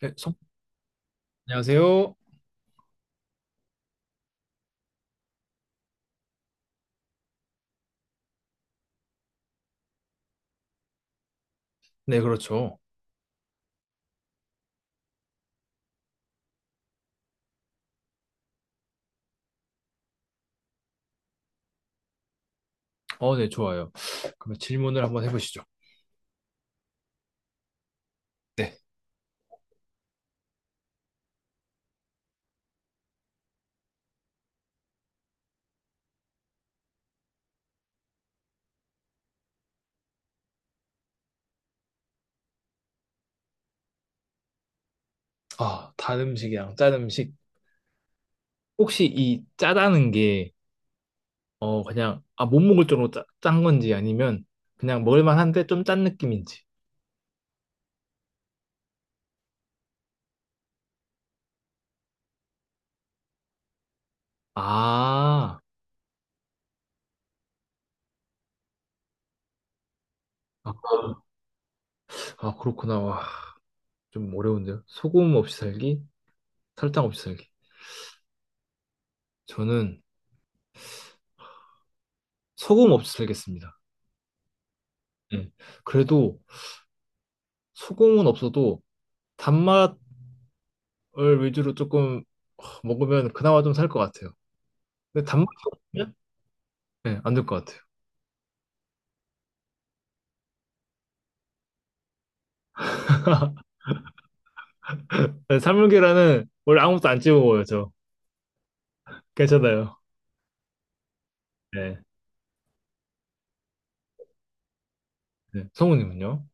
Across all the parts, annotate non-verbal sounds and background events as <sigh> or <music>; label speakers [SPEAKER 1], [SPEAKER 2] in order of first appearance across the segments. [SPEAKER 1] 네, 안녕하세요. 네, 그렇죠. 네, 좋아요. 그러면 질문을 한번 해보시죠. 네. 아, 단 음식이랑 짠 음식. 혹시 이 짜다는 게, 그냥, 아, 못 먹을 정도로 짠 건지 아니면 그냥 먹을만한데 좀 짠 느낌인지. 아, 아, 아, 그렇구나. 와, 좀 어려운데요. 소금 없이 살기, 설탕 없이 살기. 저는 소금 없이 살겠습니다. 네. 그래도 소금은 없어도 단맛 을 위주로 조금 먹으면 그나마 좀 살 것 같아요. 근데 단맛이 없으면 네, 안될 것 같아요. 네, 사물계란은 원래 아무것도 안 찍어 먹어요, 저. 괜찮아요. 네. 네. 성우님은요?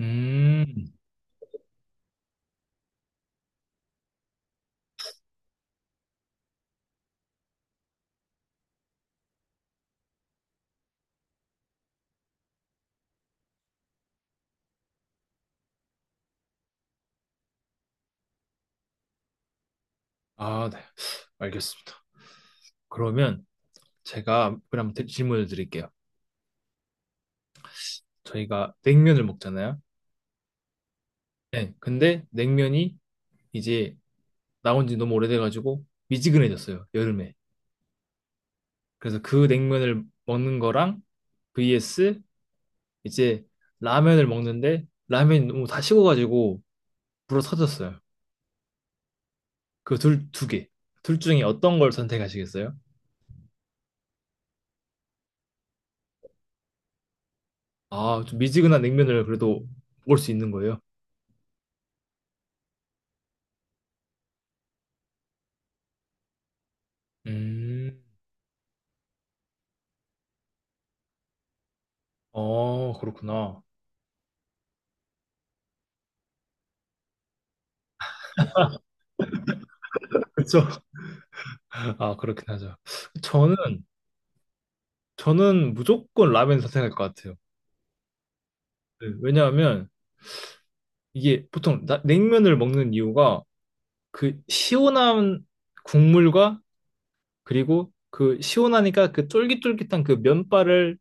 [SPEAKER 1] 음, 아, 네. 알겠습니다. 그러면 제가 그럼 질문을 드릴게요. 저희가 냉면을 먹잖아요. 네. 근데 냉면이 이제 나온 지 너무 오래돼가지고 미지근해졌어요, 여름에. 그래서 그 냉면을 먹는 거랑 vs 이제 라면을 먹는데 라면이 너무 다 식어가지고 불어 터졌어요. 그 두 개. 둘 중에 어떤 걸 선택하시겠어요? 아, 좀 미지근한 냉면을 그래도 먹을 수 있는 거예요? 음. 그렇구나. 그렇죠. <laughs> 아, 그렇긴 하죠. 저는, 저는 무조건 라면 선택할 것 같아요. 네, 왜냐하면 이게 보통 냉면을 먹는 이유가 그 시원한 국물과 그리고 그 시원하니까 그 쫄깃쫄깃한 그 면발을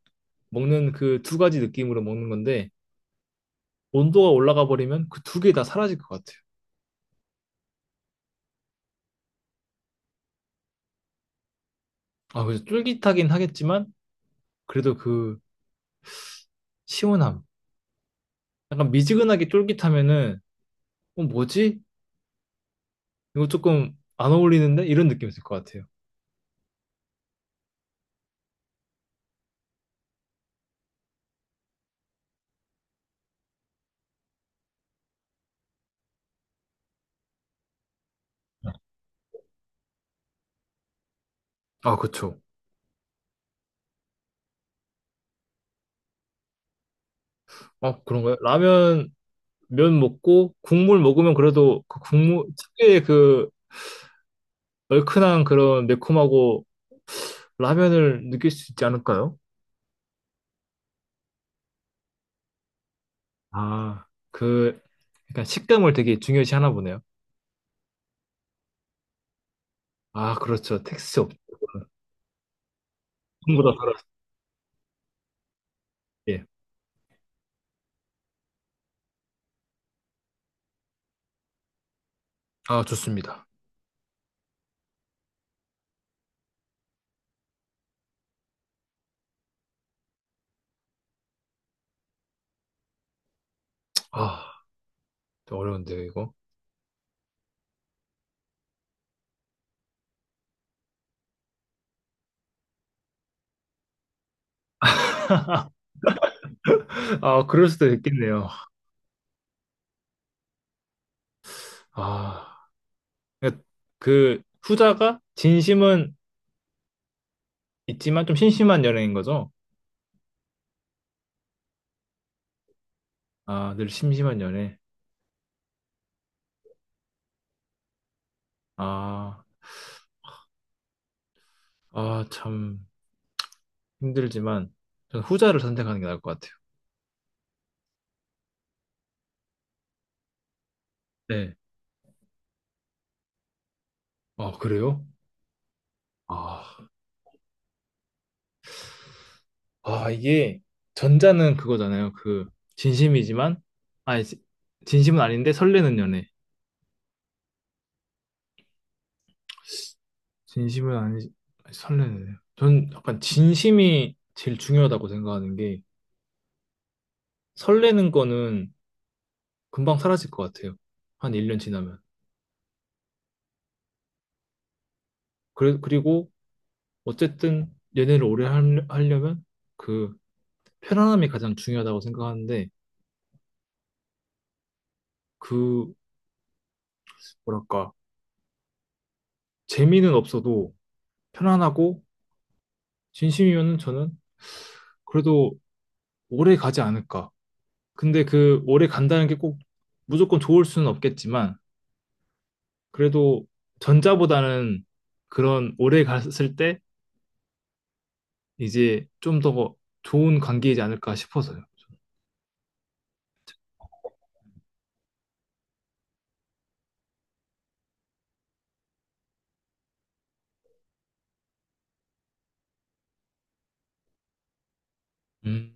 [SPEAKER 1] 먹는 그 두 가지 느낌으로 먹는 건데 온도가 올라가 버리면 그 두 개 다 사라질 것 같아요. 아, 그래서 쫄깃하긴 하겠지만 그래도 그 시원함. 약간 미지근하게 쫄깃하면은 뭐지? 이거 조금 안 어울리는데? 이런 느낌이 있을 것 같아요. 아, 그쵸. 아, 그런가요? 라면, 면 먹고, 국물 먹으면 그래도 그 국물, 특유의 그 얼큰한 그런 매콤하고 라면을 느낄 수 있지 않을까요? 아, 그, 약간 식감을 되게 중요시 하나 보네요. 아, 그렇죠. 택스 없, 전부 다 살았을 때. 아, 좋습니다. 아, 어려운데요, 이거. 아, 그럴 수도 있겠네요. 아, 그러니까 그 후자가 진심은 있지만 좀 심심한 연애인 거죠? 아, 늘 심심한 연애. 아, 아, 참 힘들지만 저는 후자를 선택하는 게 나을 것 같아요. 네. 아, 그래요? 아, 아, 이게 전자는 그거잖아요. 그 진심이지만, 아, 진심은 아닌데 설레는 연애. 진심은 아니, 설레네요. 전 약간 진심이 제일 중요하다고 생각하는 게 설레는 거는 금방 사라질 것 같아요. 한 1년 지나면. 그래, 그리고 어쨌든 연애를 오래 하려면 그 편안함이 가장 중요하다고 생각하는데 그 뭐랄까 재미는 없어도 편안하고 진심이면은 저는 그래도 오래 가지 않을까. 근데 그 오래 간다는 게 꼭 무조건 좋을 수는 없겠지만 그래도 전자보다는 그런 오래 갔을 때 이제 좀 더 좋은 관계이지 않을까 싶어서요. 음,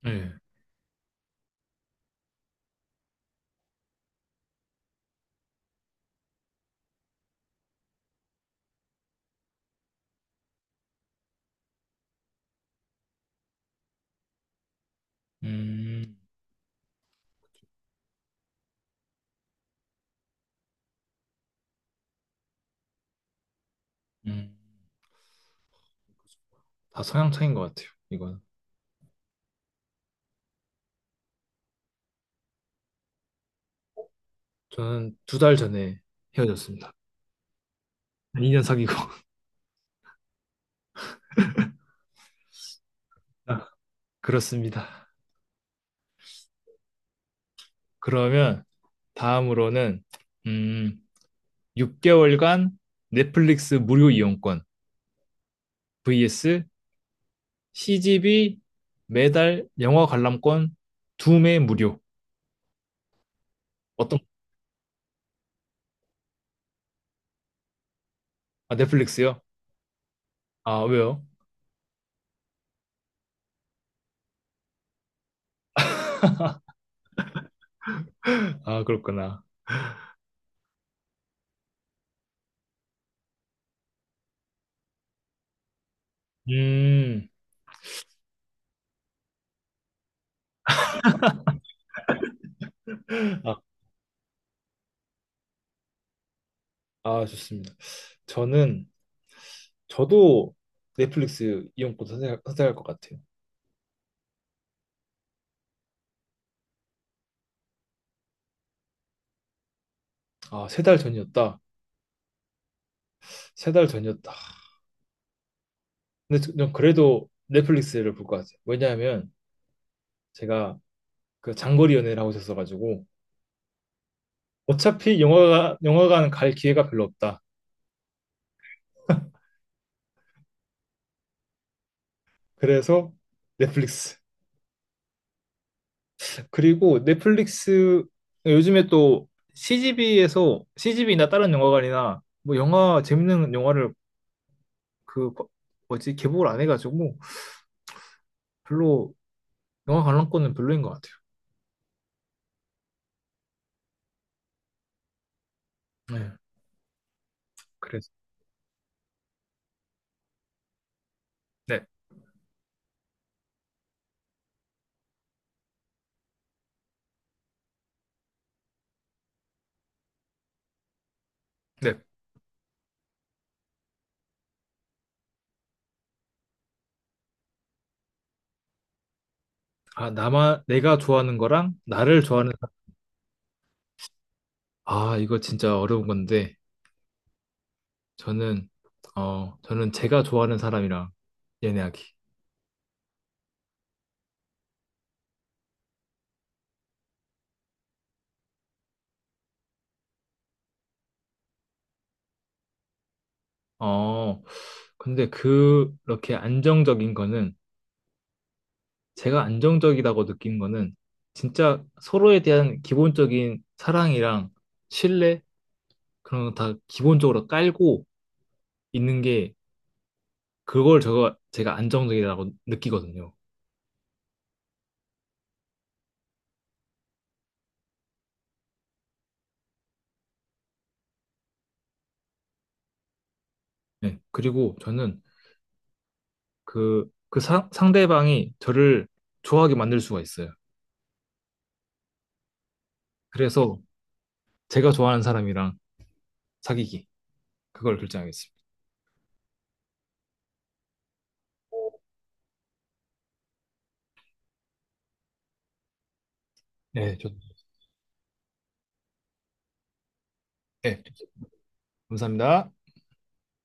[SPEAKER 1] 네. 음, 음. 다 성향 차이인 것 같아요, 이거는. 저는 두 달 전에 헤어졌습니다. 2년 사귀고. <laughs> 아, 그렇습니다. 그러면 다음으로는, 음, 6개월간 넷플릭스 무료 이용권 vs CGV 매달 영화 관람권 두 매 무료. 어떤, 아, 넷플릭스요? 아, 왜요? 아, 그렇구나. 음, 아, 아, 좋습니다. 저는, 저도 넷플릭스 이용권 선택할 것 같아요. 아, 세 달 전이었다. 세 달 전이었다. 근데 전 그래도 넷플릭스를 볼 것 같아요. 왜냐하면 제가 그 장거리 연애를 하고 있었어가지고 어차피 영화관 갈 기회가 별로 없다. 그래서 넷플릭스. 그리고 넷플릭스 요즘에 또 CGV에서 CGV나 다른 영화관이나 뭐 영화 재밌는 영화를 그 거- 뭐지, 개봉을 안 해가지고 별로 영화 관람권은 별로인 것 같아요. 네, 그래서 네, 네. 아, 나만 내가 좋아하는 거랑 나를 좋아하는. 아, 이거 진짜 어려운 건데 저는 제가 좋아하는 사람이랑 연애하기. 어 근데 그렇게 안정적인 거는 제가 안정적이라고 느낀 거는 진짜 서로에 대한 기본적인 사랑이랑 신뢰 그런 거 다 기본적으로 깔고 있는 게 그걸 제가 안정적이라고 느끼거든요. 네. 그리고 저는 상대방이 저를 좋아하게 만들 수가 있어요. 그래서 제가 좋아하는 사람이랑 사귀기. 그걸 결정하겠습니다. 네, 네, 감사합니다.